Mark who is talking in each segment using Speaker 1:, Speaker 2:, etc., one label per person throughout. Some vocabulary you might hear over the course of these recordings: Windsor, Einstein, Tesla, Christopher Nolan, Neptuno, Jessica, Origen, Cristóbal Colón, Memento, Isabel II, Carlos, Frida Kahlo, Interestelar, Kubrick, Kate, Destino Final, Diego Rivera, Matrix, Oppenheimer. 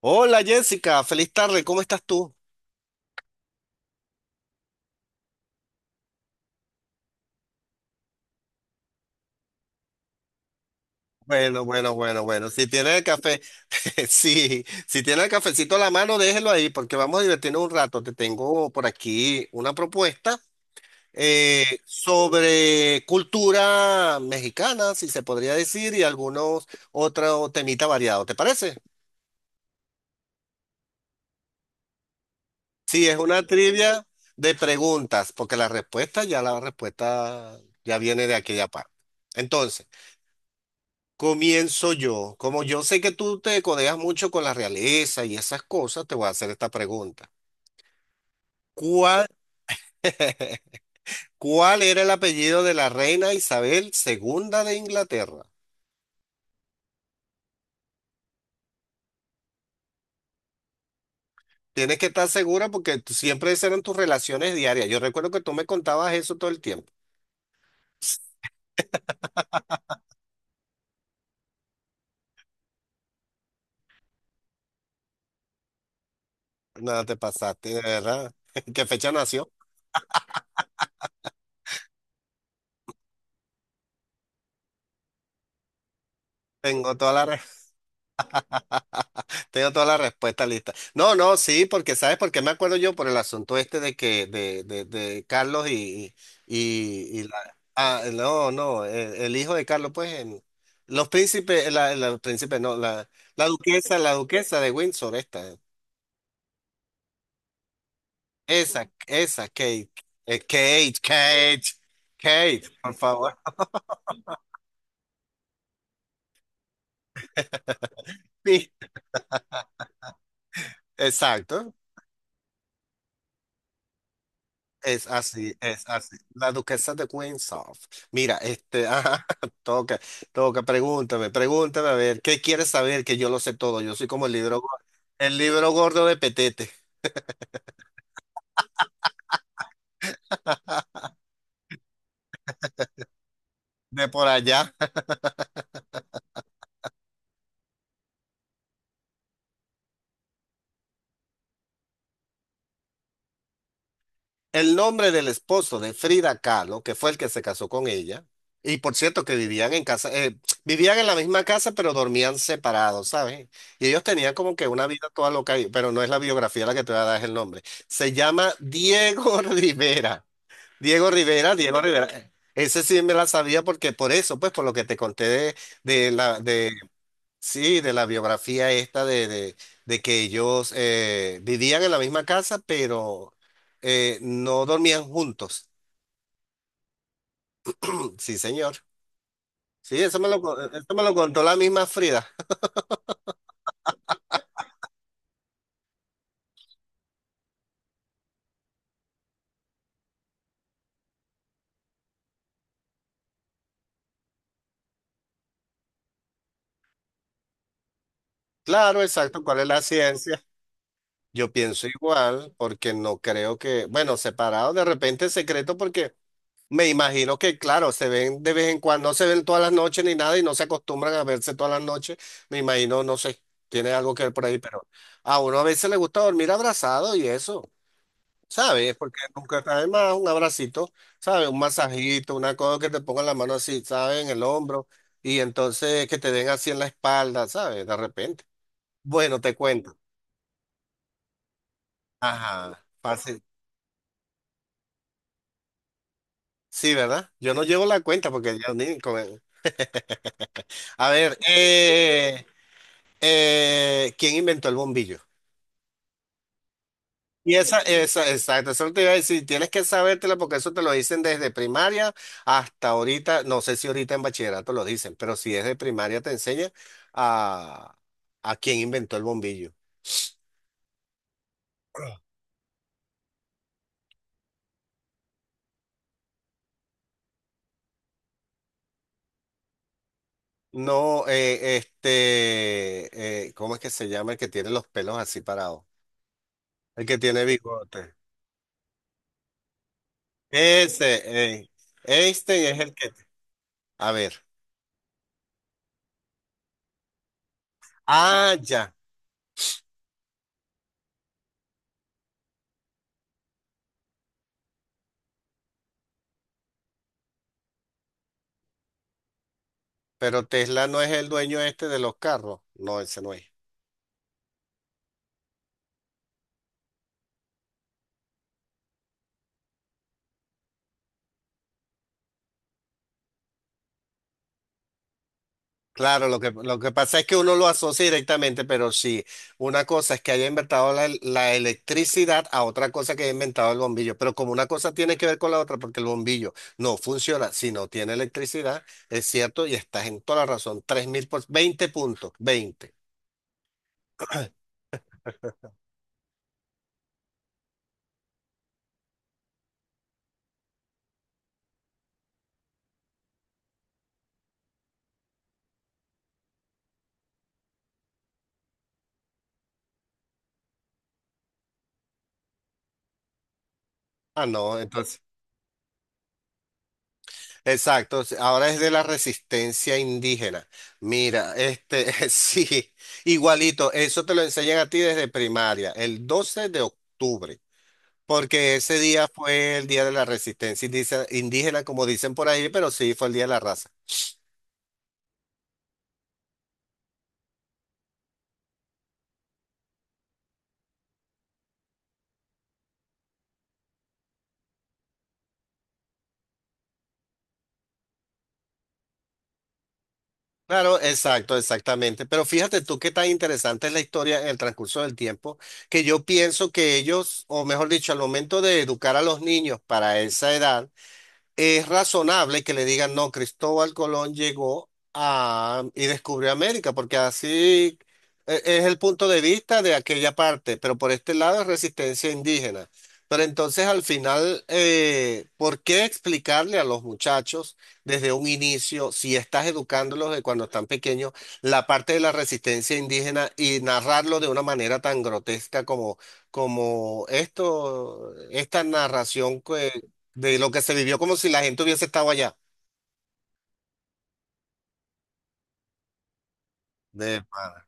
Speaker 1: Hola Jessica, feliz tarde, ¿cómo estás tú? Bueno, bueno, bueno, bueno, si tiene el café, sí, si tiene el cafecito a la mano, déjelo ahí porque vamos a divertirnos un rato. Te tengo por aquí una propuesta sobre cultura mexicana, si se podría decir, y algunos otros temitas variados, ¿te parece? Sí, es una trivia de preguntas, porque la respuesta ya viene de aquella parte. Entonces, comienzo yo. Como yo sé que tú te codeas mucho con la realeza y esas cosas, te voy a hacer esta pregunta. ¿Cuál, cuál era el apellido de la reina Isabel II de Inglaterra? Tienes que estar segura porque tú- siempre esas eran tus relaciones diarias. Yo recuerdo que tú me contabas eso todo el tiempo. Nada, te pasaste, de verdad. ¿Qué fecha nació? Tengo toda la Tengo toda la respuesta lista. No, no, sí, porque ¿sabes por qué me acuerdo yo? Por el asunto este de que, de Carlos y no, no, el hijo de Carlos, pues, en- los príncipes, la, la príncipe, no, la, la duquesa de Windsor, esta, esa, eh, Kate, Kate, Kate, por favor. Sí, exacto. Es así, es así. La duquesa de Windsor. Mira, ajá, toca, toca, pregúntame, pregúntame, a ver, ¿qué quieres saber? Que yo lo sé todo. Yo soy como el libro gordo de Petete, de por allá. El nombre del esposo de Frida Kahlo, que fue el que se casó con ella, y por cierto que vivían en la misma casa, pero dormían separados, ¿sabes? Y ellos tenían como que una vida toda loca, ahí, pero no es la biografía la que te voy a dar, es el nombre. Se llama Diego Rivera. Diego Rivera, Diego Rivera. Ese sí me la sabía porque por eso, pues por lo que te conté de la de sí, de la biografía esta de que ellos vivían en la misma casa, pero no dormían juntos. Sí, señor. Sí, eso me lo contó la misma Frida. Claro, exacto, ¿cuál es la ciencia? Yo pienso igual, porque no creo que, bueno, separado de repente secreto, porque me imagino que, claro, se ven de vez en cuando, no se ven todas las noches ni nada y no se acostumbran a verse todas las noches. Me imagino, no sé, tiene algo que ver por ahí, pero a uno a veces le gusta dormir abrazado y eso, ¿sabes? Porque nunca está de más un abracito, ¿sabes? Un masajito, una cosa que te pongan la mano así, ¿sabes? En el hombro, y entonces que te den así en la espalda, ¿sabes? De repente. Bueno, te cuento. Ajá, fácil. Sí, ¿verdad? Yo no llevo la cuenta porque ya ni con él. A ver, ¿quién inventó el bombillo? Y esa, exacto, eso te iba a decir, tienes que sabértela porque eso te lo dicen desde primaria hasta ahorita, no sé si ahorita en bachillerato lo dicen, pero si es de primaria te enseña a, a quién inventó el bombillo. No, ¿cómo es que se llama el que tiene los pelos así parados? El que tiene bigote. Ese, Einstein es el que, a ver, ya. Pero Tesla no es el dueño este de los carros. No, ese no es. Claro, lo que pasa es que uno lo asocia directamente, pero sí, una cosa es que haya inventado la electricidad, a otra cosa que haya inventado el bombillo. Pero como una cosa tiene que ver con la otra, porque el bombillo no funciona si no tiene electricidad, es cierto, y estás en toda la razón. 3000 por 20 puntos, 20. Ah, no, entonces. Exacto, s- ahora es de la resistencia indígena. Mira, sí, igualito, eso te lo enseñan a ti desde primaria, el 12 de octubre, porque ese día fue el día de la resistencia indice- indígena, como dicen por ahí, pero sí fue el día de la raza. Claro, exacto, exactamente. Pero fíjate tú qué tan interesante es la historia en el transcurso del tiempo, que yo pienso que ellos, o mejor dicho, al momento de educar a los niños para esa edad, es razonable que le digan, no, Cristóbal Colón llegó a, y descubrió América, porque así e- es el punto de vista de aquella parte, pero por este lado es resistencia indígena. Pero entonces, al final, ¿por qué explicarle a los muchachos desde un inicio, si estás educándolos de cuando están pequeños, la parte de la resistencia indígena y narrarlo de una manera tan grotesca como, esto, esta narración? De lo que se vivió como si la gente hubiese estado allá. De pana.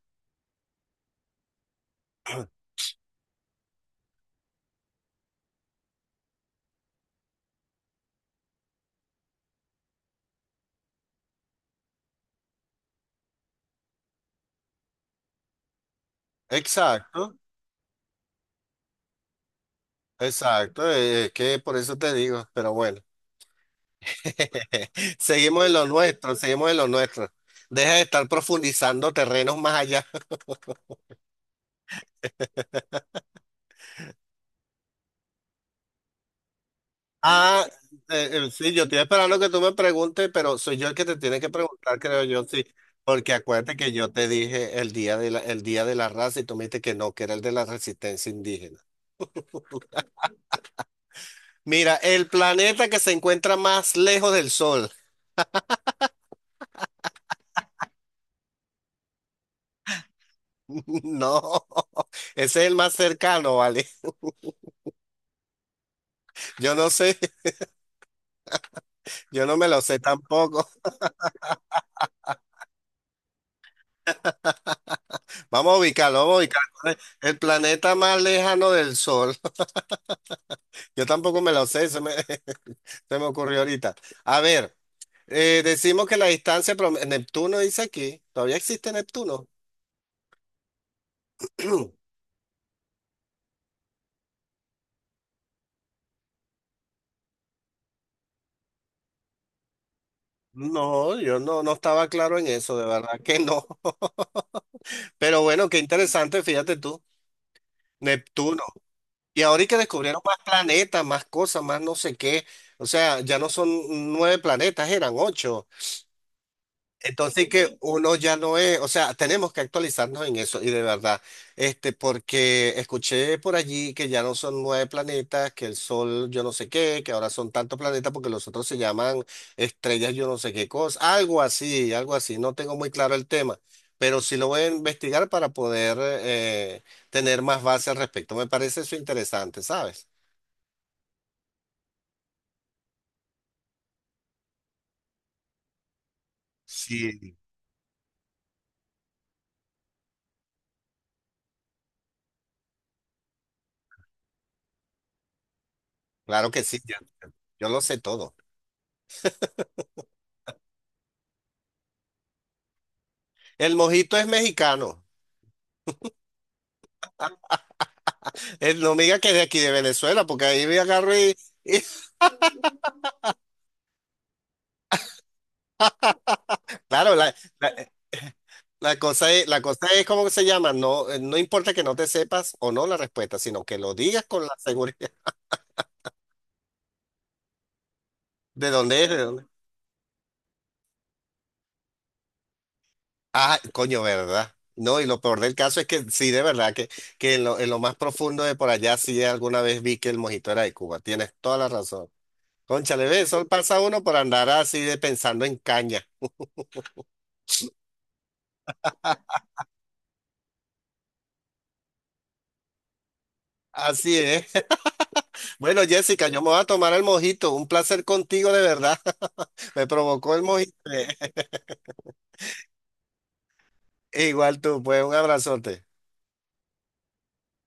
Speaker 1: Exacto, exacto, es que por eso te digo, pero bueno, seguimos en lo nuestro, seguimos en lo nuestro. Deja de estar profundizando terrenos más allá. Ah, sí, yo estoy esperando que tú me preguntes, pero soy yo el que te tiene que preguntar, creo yo, sí. Porque acuérdate que yo te dije el día de la, raza, y tú me dijiste que no, que era el de la resistencia indígena. Mira, el planeta que se encuentra más lejos del Sol. No, ese es el más cercano, ¿vale? Yo no sé, yo no me lo sé tampoco. Vamos a ubicarlo, vamos a ubicarlo. ¿Vale? El planeta más lejano del Sol. Yo tampoco me lo sé, se me, se me ocurrió ahorita. A ver, decimos que la distancia, Neptuno, dice aquí. ¿Todavía existe Neptuno? No, yo no estaba claro en eso, de verdad que no. Pero bueno, qué interesante, fíjate tú. Neptuno. Y ahora y que descubrieron más planetas, más cosas, más no sé qué. O sea, ya no son nueve planetas, eran ocho. Entonces que uno ya no es, o sea, tenemos que actualizarnos en eso, y de verdad, porque escuché por allí que ya no son nueve planetas, que el Sol yo no sé qué, que ahora son tantos planetas porque los otros se llaman estrellas yo no sé qué cosa, algo así, algo así. No tengo muy claro el tema, pero sí lo voy a investigar para poder tener más base al respecto. Me parece eso interesante, ¿sabes? Sí, claro que sí, yo lo sé todo. El mojito es mexicano. El, no me diga que es de aquí de Venezuela, porque ahí me agarro y, y- claro, la, eh, la cosa es cómo se llama. No, no importa que no te sepas o no la respuesta, sino que lo digas con la seguridad. ¿De dónde es? ¿De dónde? Ah, coño, ¿verdad? No, y lo peor del caso es que sí, de verdad, que en lo más profundo de por allá sí alguna vez vi que el mojito era de Cuba. Tienes toda la razón. Cónchale, ve, eso pasa uno por andar así de pensando en caña. Así es. Bueno, Jessica, yo me voy a tomar el mojito. Un placer contigo, de verdad. Me provocó el mojito. Igual tú, pues un abrazote.